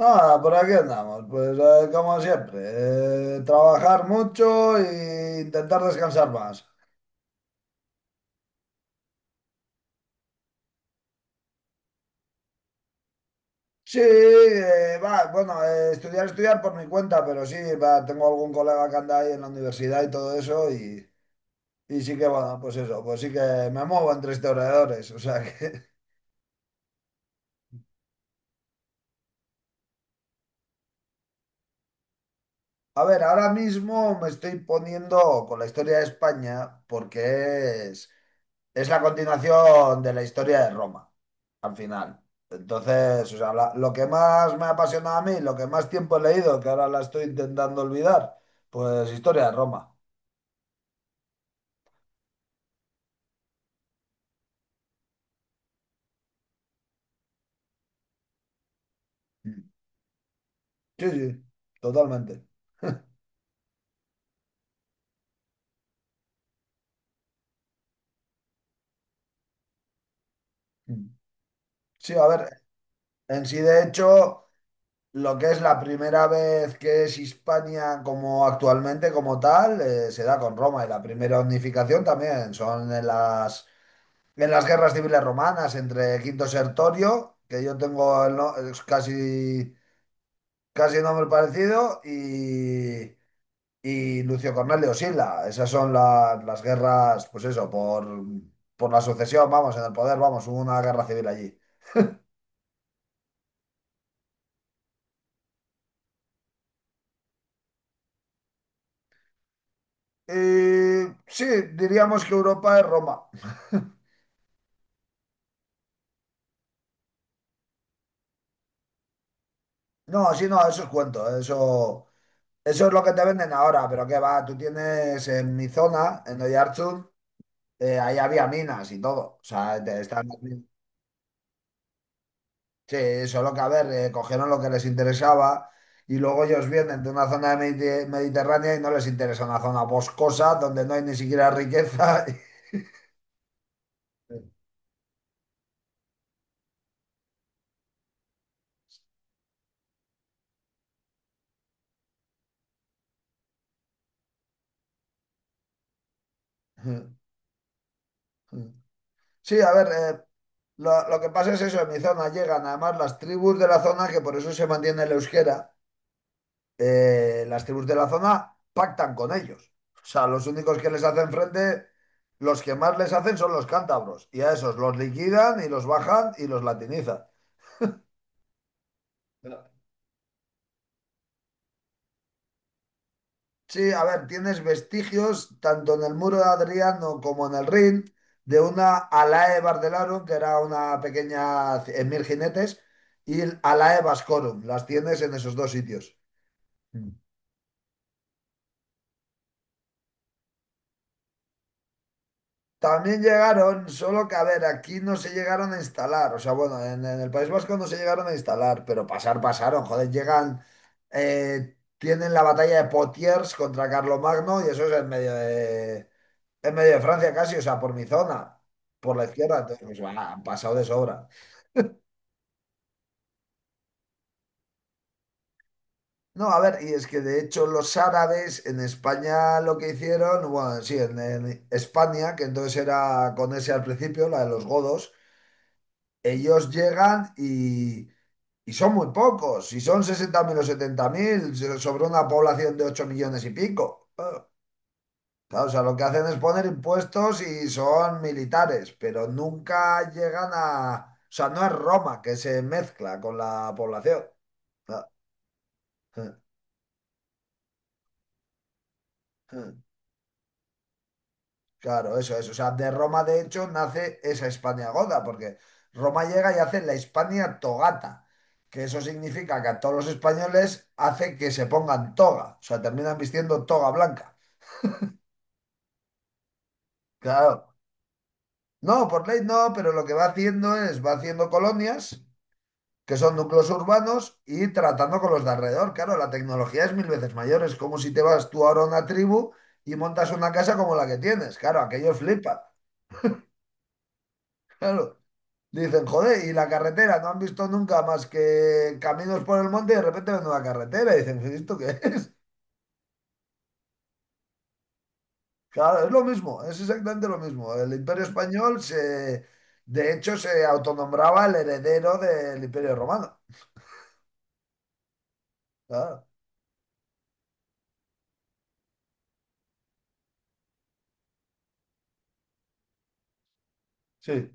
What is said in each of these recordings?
Nada, por aquí andamos, pues como siempre, trabajar mucho e intentar descansar más. Sí, va, bueno, estudiar, estudiar por mi cuenta, pero sí, va, tengo algún colega que anda ahí en la universidad y todo eso, y sí que, bueno, pues eso, pues sí que me muevo entre historiadores, o sea que... A ver, ahora mismo me estoy poniendo con la historia de España porque es la continuación de la historia de Roma al final. Entonces, o sea, lo que más me ha apasionado a mí, lo que más tiempo he leído, que ahora la estoy intentando olvidar, pues historia de Roma. Mm. Sí, sí, totalmente. Mm. Sí, a ver, en sí de hecho, lo que es la primera vez que es Hispania como actualmente como tal, se da con Roma y la primera unificación también son en en las guerras civiles romanas entre Quinto Sertorio, que yo tengo el es casi casi nombre parecido, y Lucio Cornelio Sila. Esas son las guerras, pues eso, por la sucesión, vamos, en el poder, vamos, hubo una guerra civil allí. Y sí, diríamos que Europa es Roma. No, sí, no, eso es cuento, eso es lo que te venden ahora, pero qué va, tú tienes en mi zona, en Oiartzun, ahí había minas y todo, o sea, están. Sí, solo que a ver, cogieron lo que les interesaba y luego ellos vienen de una zona de mediterránea y no les interesa una zona boscosa donde no hay ni siquiera riqueza. Sí, a ver, lo que pasa es eso, en mi zona llegan además las tribus de la zona, que por eso se mantiene el euskera, las tribus de la zona pactan con ellos. O sea, los únicos que les hacen frente, los que más les hacen son los cántabros y a esos los liquidan y los bajan y los latinizan. Sí, a ver, tienes vestigios tanto en el muro de Adriano como en el Rin de una Alae Bardelarum, que era una pequeña en 1000 jinetes, y el Alae Vascorum. Las tienes en esos dos sitios. Mm. También llegaron, solo que a ver, aquí no se llegaron a instalar. O sea, bueno, en el País Vasco no se llegaron a instalar, pero pasaron. Joder, llegan, tienen la batalla de Potiers contra Carlomagno y eso es en medio de Francia casi, o sea, por mi zona, por la izquierda, entonces, pues, va, han pasado de sobra. No, a ver, y es que de hecho los árabes en España lo que hicieron, bueno, sí, en España, que entonces era con ese al principio, la de los godos, ellos llegan y son muy pocos, si son 60.000 o 70.000 sobre una población de 8 millones y pico. Ah. Claro, o sea, lo que hacen es poner impuestos y son militares, pero nunca llegan a... O sea, no es Roma que se mezcla con la población. Ah. eh, eh. Claro, eso es. O sea, de Roma, de hecho, nace esa Hispania goda, porque Roma llega y hace la Hispania togata, que eso significa que a todos los españoles hace que se pongan toga. O sea, terminan vistiendo toga blanca. Claro. No, por ley no, pero lo que va haciendo va haciendo colonias, que son núcleos urbanos, y tratando con los de alrededor. Claro, la tecnología es mil veces mayor. Es como si te vas tú ahora a una tribu y montas una casa como la que tienes. Claro, aquellos flipan. Claro, dicen, joder, y la carretera, no han visto nunca más que caminos por el monte y de repente ven una carretera y dicen, ¿esto qué es? Claro, es lo mismo, es exactamente lo mismo. El Imperio Español de hecho, se autonombraba el heredero del Imperio Romano. Claro, sí.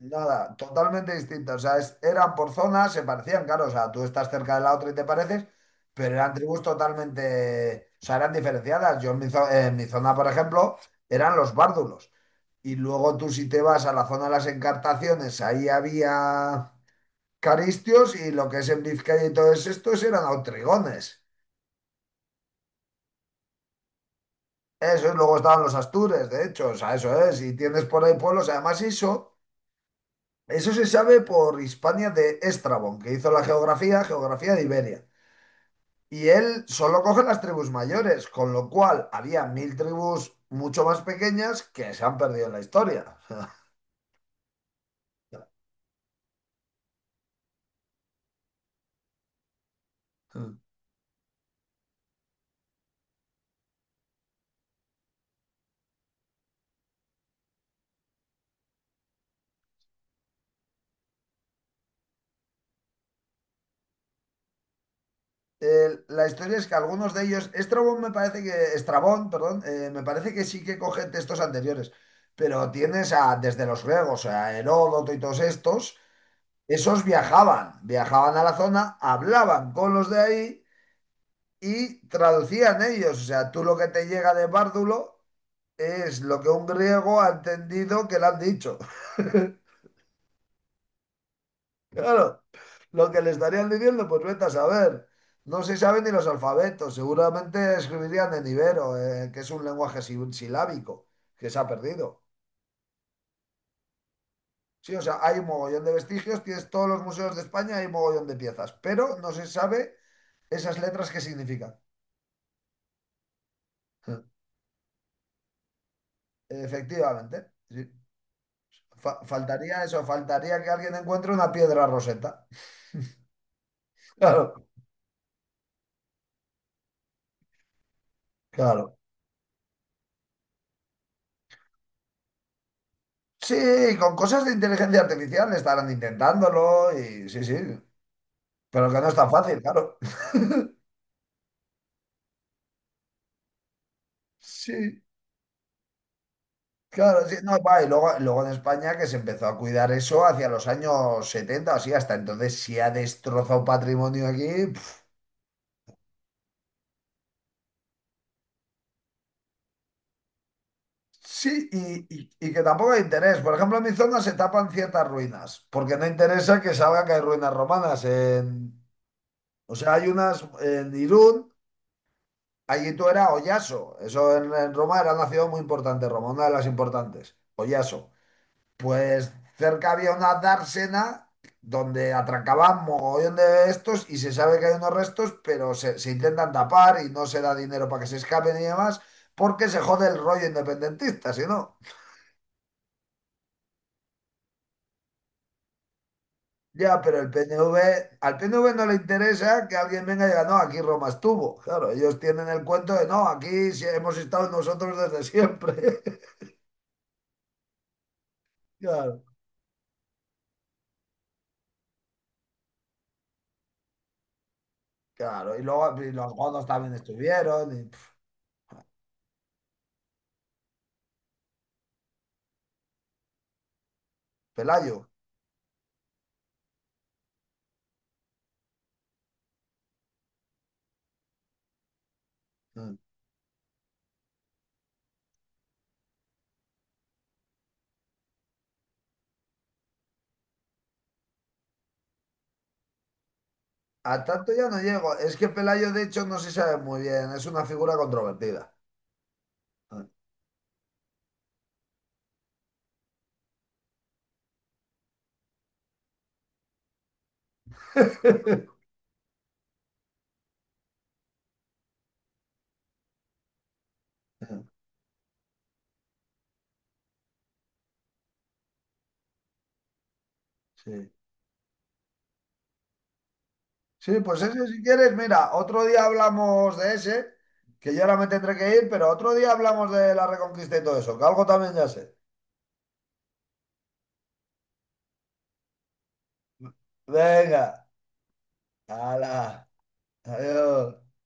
Nada, totalmente distinto. O sea, eran por zonas, se parecían, claro. O sea, tú estás cerca de la otra y te pareces, pero eran tribus totalmente, o sea, eran diferenciadas. Yo en en mi zona, por ejemplo, eran los bárdulos. Y luego tú si te vas a la zona de las encartaciones, ahí había caristios, y lo que es en Vizcaya y todo estos eran autrigones. Eso es, luego estaban los astures, de hecho, o sea, eso es. Y tienes por ahí pueblos, además eso. Eso se sabe por Hispania de Estrabón, que hizo la geografía, geografía de Iberia. Y él solo coge las tribus mayores, con lo cual había 1000 tribus mucho más pequeñas que se han perdido en la historia. La historia es que algunos de ellos, Estrabón me parece que, Estrabón, perdón, me parece que sí que coge textos anteriores, pero desde los griegos, a Heródoto y todos estos, esos viajaban, viajaban a la zona, hablaban con los de ahí y traducían ellos. O sea, tú lo que te llega de Bárdulo es lo que un griego ha entendido que le han dicho. Claro, lo que le estarían diciendo, pues vete a saber. No se saben ni los alfabetos, seguramente escribirían en ibero, que es un lenguaje silábico, que se ha perdido. Sí, o sea, hay un mogollón de vestigios, tienes todos los museos de España, hay un mogollón de piezas, pero no se sabe esas letras qué significan. Efectivamente. Sí. Faltaría eso, faltaría que alguien encuentre una piedra roseta. Claro, claro. Sí, con cosas de inteligencia artificial estarán intentándolo y sí, sí, pero que no es tan fácil, claro. Sí, claro, sí, no, va, y luego en España que se empezó a cuidar eso hacia los años 70, así hasta entonces sí ha destrozado patrimonio aquí. Pf. Sí, y que tampoco hay interés. Por ejemplo, en mi zona se tapan ciertas ruinas, porque no interesa que salga que hay ruinas romanas en... O sea, hay unas en Irún, allí Ayito era Oyaso. Eso en Roma era una ciudad muy importante, Roma, una de las importantes, Oyaso. Pues cerca había una dársena donde atracaban mogollón de estos y se sabe que hay unos restos, pero se intentan tapar y no se da dinero para que se escapen y demás, porque se jode el rollo independentista, si no. Ya, pero el PNV, al PNV no le interesa que alguien venga y diga, no, aquí Roma estuvo. Claro, ellos tienen el cuento de, no, aquí sí hemos estado nosotros desde siempre. Claro, claro. Y luego y los godos también estuvieron. Y, pf. Pelayo. Mm. A tanto ya no llego. Es que Pelayo, de hecho, no se sabe muy bien. Es una figura controvertida. Mm. Sí. Sí, pues ese si quieres, mira, otro día hablamos de ese, que yo ahora me tendré que ir, pero otro día hablamos de la Reconquista y todo eso, que algo también ya sé. Venga, hala, adiós.